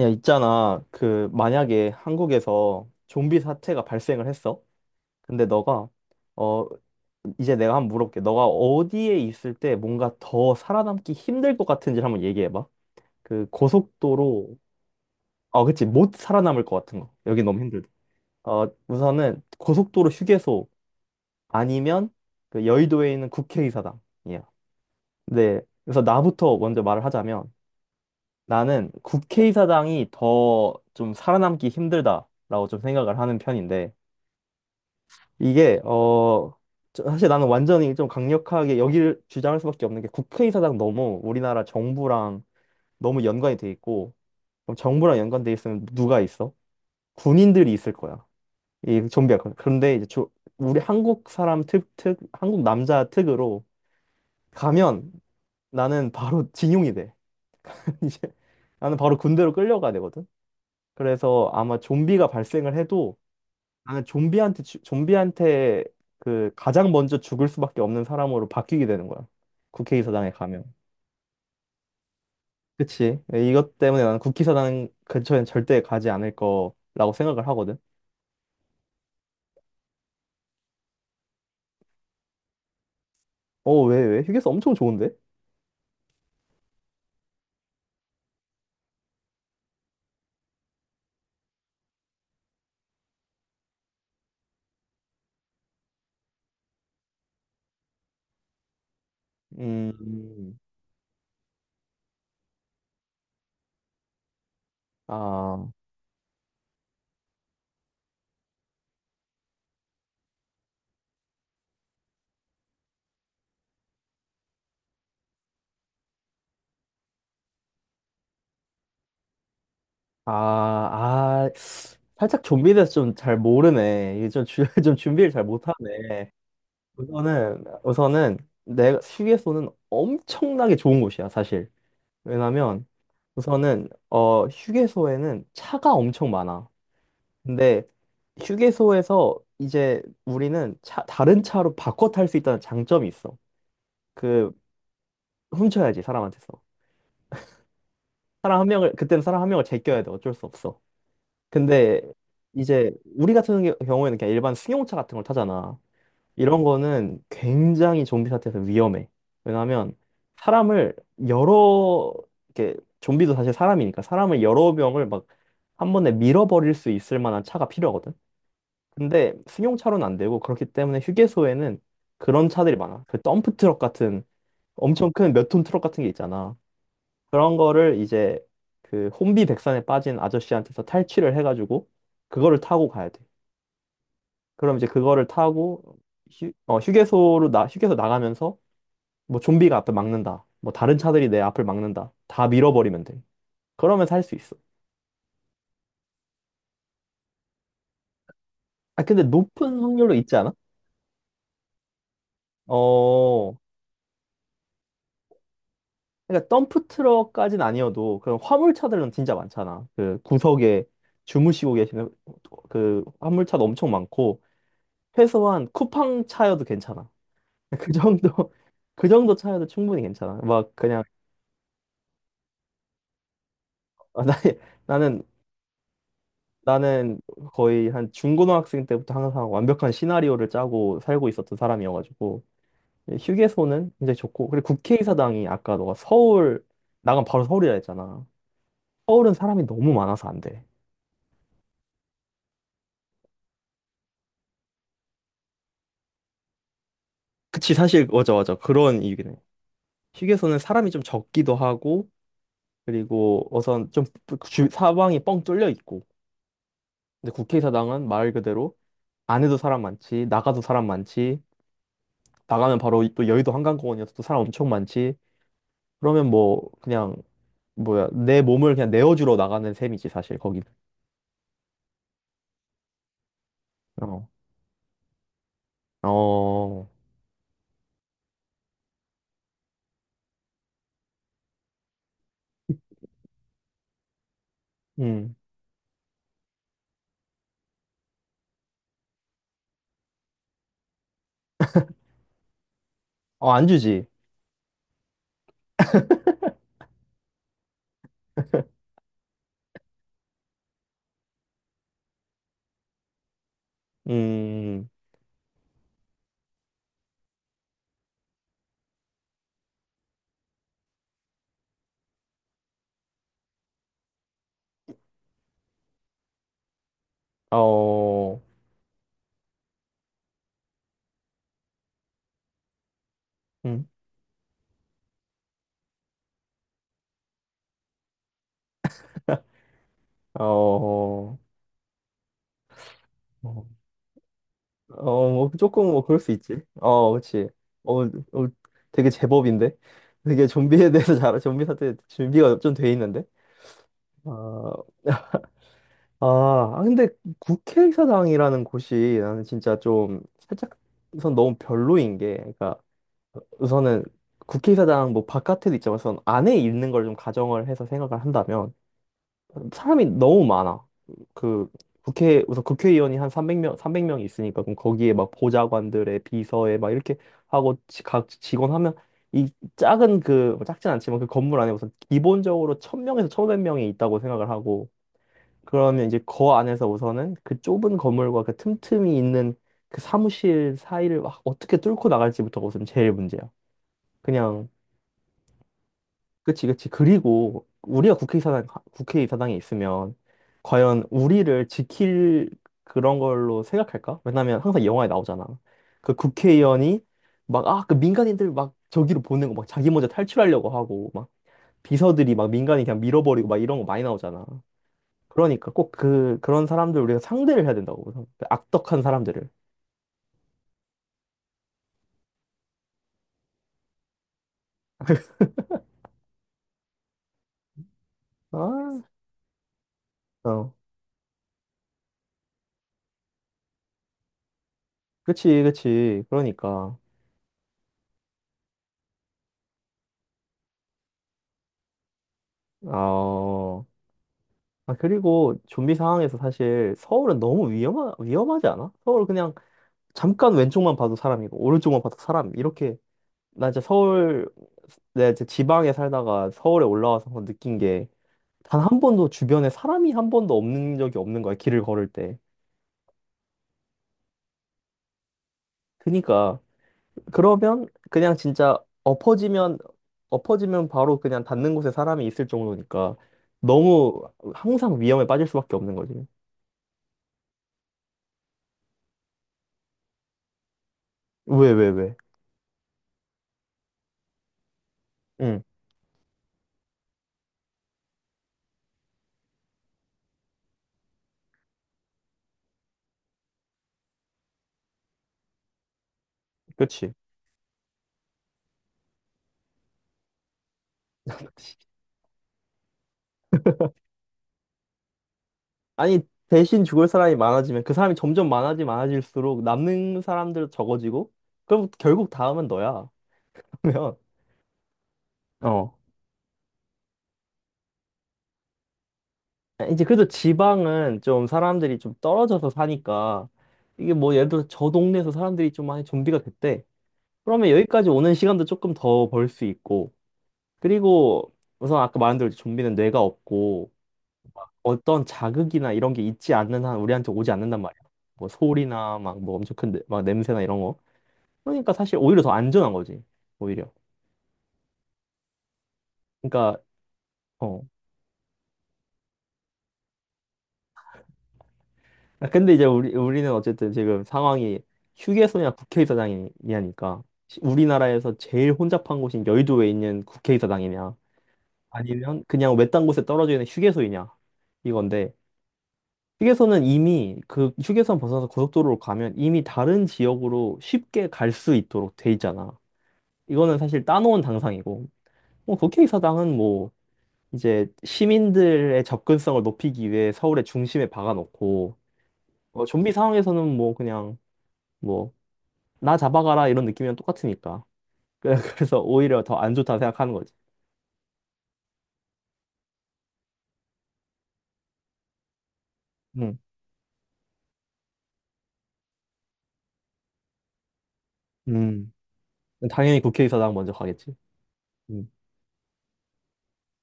야, 있잖아. 그, 만약에 한국에서 좀비 사태가 발생을 했어. 근데 너가, 어, 이제 내가 한번 물어볼게. 너가 어디에 있을 때 뭔가 더 살아남기 힘들 것 같은지 한번 얘기해봐. 그, 고속도로. 어, 그치. 못 살아남을 것 같은 거. 여기 너무 힘들다. 우선은 고속도로 휴게소 아니면 그 여의도에 있는 국회의사당이야. 네. 그래서 나부터 먼저 말을 하자면, 나는 국회의사당이 더 좀 살아남기 힘들다라고 좀 생각을 하는 편인데, 이게 어 사실 나는 완전히 좀 강력하게 여기를 주장할 수밖에 없는 게, 국회의사당 너무 우리나라 정부랑 너무 연관이 돼 있고. 그럼 정부랑 연관돼 있으면 누가 있어? 군인들이 있을 거야. 이 좀비가 그런데 이제 우리 한국 사람 특, 특 한국 남자 특으로 가면 나는 바로 징용이 돼. 이제 나는 바로 군대로 끌려가야 되거든. 그래서 아마 좀비가 발생을 해도 나는 좀비한테 그 가장 먼저 죽을 수밖에 없는 사람으로 바뀌게 되는 거야, 국회의사당에 가면. 그치? 이것 때문에 나는 국회의사당 근처엔 절대 가지 않을 거라고 생각을 하거든. 어, 왜, 왜? 휴게소 엄청 좋은데? 음, 아, 아, 아, 살짝 좀비에 대해서 좀 잘 모르네. 이게 좀, 좀 준비를 잘 못하네. 우선은, 우선은, 내가 휴게소는 엄청나게 좋은 곳이야, 사실. 왜냐면 우선은 휴게소에는 차가 엄청 많아. 근데 휴게소에서 이제 우리는 차, 다른 차로 바꿔 탈 수 있다는 장점이 있어. 그, 훔쳐야지 사람한테서. 사람 한 명을, 그때는 사람 한 명을 제껴야 돼. 어쩔 수 없어. 근데 이제 우리 경우에는 그냥 일반 승용차 같은 걸 타잖아. 이런 거는 굉장히 좀비 사태에서 위험해. 왜냐하면 사람을 여러 이렇게, 좀비도 사실 사람이니까 사람을 여러 명을 막 한 번에 밀어버릴 수 있을 만한 차가 필요하거든. 근데 승용차로는 안 되고, 그렇기 때문에 휴게소에는 그런 차들이 많아. 그, 덤프 트럭 같은 엄청 큰 몇 톤 트럭 같은 게 있잖아. 그런 거를 이제 그 혼비백산에 빠진 아저씨한테서 탈취를 해가지고 그거를 타고 가야 돼. 그럼 이제 그거를 타고 휴게소로, 나 휴게소 나가면서 뭐 좀비가 앞을 막는다, 뭐 다른 차들이 내 앞을 막는다, 다 밀어버리면 돼. 그러면 살 수 있어. 아, 근데 높은 확률로 있지 않아? 어. 그러니까 덤프 트럭까진 아니어도 그런 화물차들은 진짜 많잖아. 그 구석에 주무시고 계시는 그 화물차도 엄청 많고. 최소한 쿠팡 차여도 괜찮아. 그 정도, 그 정도 차여도 충분히 괜찮아. 막 그냥. 나 나는 나는 거의 한 중고등학생 때부터 항상 완벽한 시나리오를 짜고 살고 있었던 사람이어가지고. 예, 휴게소는 굉장히 좋고. 그리고 국회의사당이, 아까 너가 서울 나가면 바로 서울이라 했잖아. 서울은 사람이 너무 많아서 안 돼. 그치, 사실 맞아, 맞아, 그런 이유긴 해. 휴게소는 사람이 좀 적기도 하고, 그리고 우선 좀 사방이 뻥 뚫려 있고. 근데 국회의사당은 말 그대로 안에도 사람 많지, 나가도 사람 많지, 나가면 바로 또 여의도 한강공원이어서 또 사람 엄청 많지. 그러면 뭐 그냥 뭐야, 내 몸을 그냥 내어주러 나가는 셈이지, 사실 거기는. 어. 어. 음. 어, 안 주지. 음. 어. 음. 어. 어, 어, 뭐 조금 뭐 그럴 수 있지. 어, 그렇지. 어, 어, 되게 제법인데. 되게 좀비에 대해서 잘, 좀비 사태 준비가 좀 돼 있는데. 아, 아, 아, 근데 국회의사당이라는 곳이 나는 진짜 좀 살짝, 우선 너무 별로인 게, 그러니까 우선은 국회의사당 뭐 바깥에도 있지만 우선 안에 있는 걸 좀 가정을 해서 생각을 한다면 사람이 너무 많아. 그 국회, 우선 국회의원이 한 300명, 300명이 있으니까. 그럼 거기에 막 보좌관들의 비서에 막 이렇게 각 직원 하면 이 작은, 그뭐 작진 않지만 그 건물 안에 우선 기본적으로 1000명에서 1500명이 있다고 생각을 하고. 그러면 이제 거 안에서 우선은 그 좁은 건물과 그 틈틈이 있는 그 사무실 사이를 막 어떻게 뚫고 나갈지부터가 우선 제일 문제야. 그냥. 그치, 그치. 그리고 우리가 국회의사당에 있으면 과연 우리를 지킬 그런 걸로 생각할까? 왜냐면 항상 영화에 나오잖아. 그 국회의원이 막, 아, 그 민간인들 막 저기로 보내고 막 자기 먼저 탈출하려고 하고 막, 비서들이 막 민간인 그냥 밀어버리고 막 이런 거 많이 나오잖아. 그러니까 꼭 그런 사람들 우리가 상대를 해야 된다고. 그 악덕한 사람들을. 아, 어. 그치, 그치. 그러니까. 어. 아, 그리고 좀비 상황에서 사실 서울은 너무 위험하지 않아? 서울 그냥 잠깐 왼쪽만 봐도 사람이고, 오른쪽만 봐도 사람. 이렇게, 나 이제 서울, 내가 이제 지방에 살다가 서울에 올라와서 한번 느낀 게, 단 한 번도 주변에 사람이 한 번도 없는 적이 없는 거야, 길을 걸을 때. 그니까, 그러면 그냥 진짜, 엎어지면, 엎어지면 바로 그냥 닿는 곳에 사람이 있을 정도니까, 너무 항상 위험에 빠질 수밖에 없는 거지. 왜, 왜, 왜? 응, 그치. 아니, 대신 죽을 사람이 많아지면 그 사람이 점점 많아지 많아질수록 남는 사람들도 적어지고, 그럼 결국 다음은 너야. 그러면, 어, 이제 그래도 지방은 좀 사람들이 좀 떨어져서 사니까, 이게 뭐 예를 들어 저 동네에서 사람들이 좀 많이 좀비가 됐대. 그러면 여기까지 오는 시간도 조금 더 벌 수 있고, 그리고 우선 아까 말한 대로 좀비는 뇌가 없고 어떤 자극이나 이런 게 있지 않는 한 우리한테 오지 않는단 말이야. 뭐 소리나 막 뭐 엄청 막 냄새나 이런. 그러니까 사실 오히려 더 안전한 거지, 오히려. 그러니까. 어. 아, 근데 이제 우리는 어쨌든 지금 상황이 휴게소냐 국회의사당이냐니까, 우리나라에서 제일 혼잡한 곳인 여의도에 있는 국회의사당이냐 아니면 그냥 외딴 곳에 떨어져 있는 휴게소이냐 이건데, 휴게소는 이미 그 휴게소 벗어나서 고속도로로 가면 이미 다른 지역으로 쉽게 갈 수 있도록 돼 있잖아. 이거는 사실 따놓은 당상이고. 뭐 국회의사당은 뭐 이제 시민들의 접근성을 높이기 위해 서울의 중심에 박아놓고, 어, 좀비 상황에서는 뭐 그냥 뭐 나 잡아가라 이런 느낌이랑 똑같으니까 그래서 오히려 더 안 좋다 생각하는 거지. 음. 음, 당연히 국회의사당 먼저 가겠지. 음.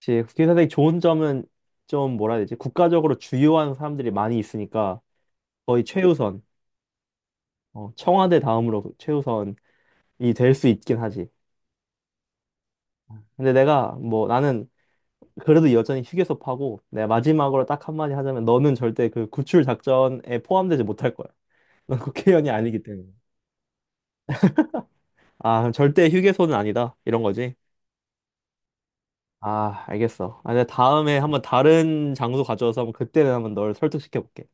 제 국회의사당이 좋은 점은, 좀 뭐라 해야 되지? 국가적으로 주요한 사람들이 많이 있으니까 거의 최우선, 어, 청와대 다음으로 최우선이 될 수 있긴 하지. 근데 내가 뭐, 나는 그래도 여전히 휴게소 파고. 내가 마지막으로 딱 한마디 하자면 너는 절대 그 구출 작전에 포함되지 못할 거야. 넌 국회의원이 아니기 때문에. 아, 그럼 절대 휴게소는 아니다, 이런 거지. 아, 알겠어. 아, 내가 다음에 한번 다른 장소 가져와서 한번, 그때는 한번 널 설득시켜 볼게.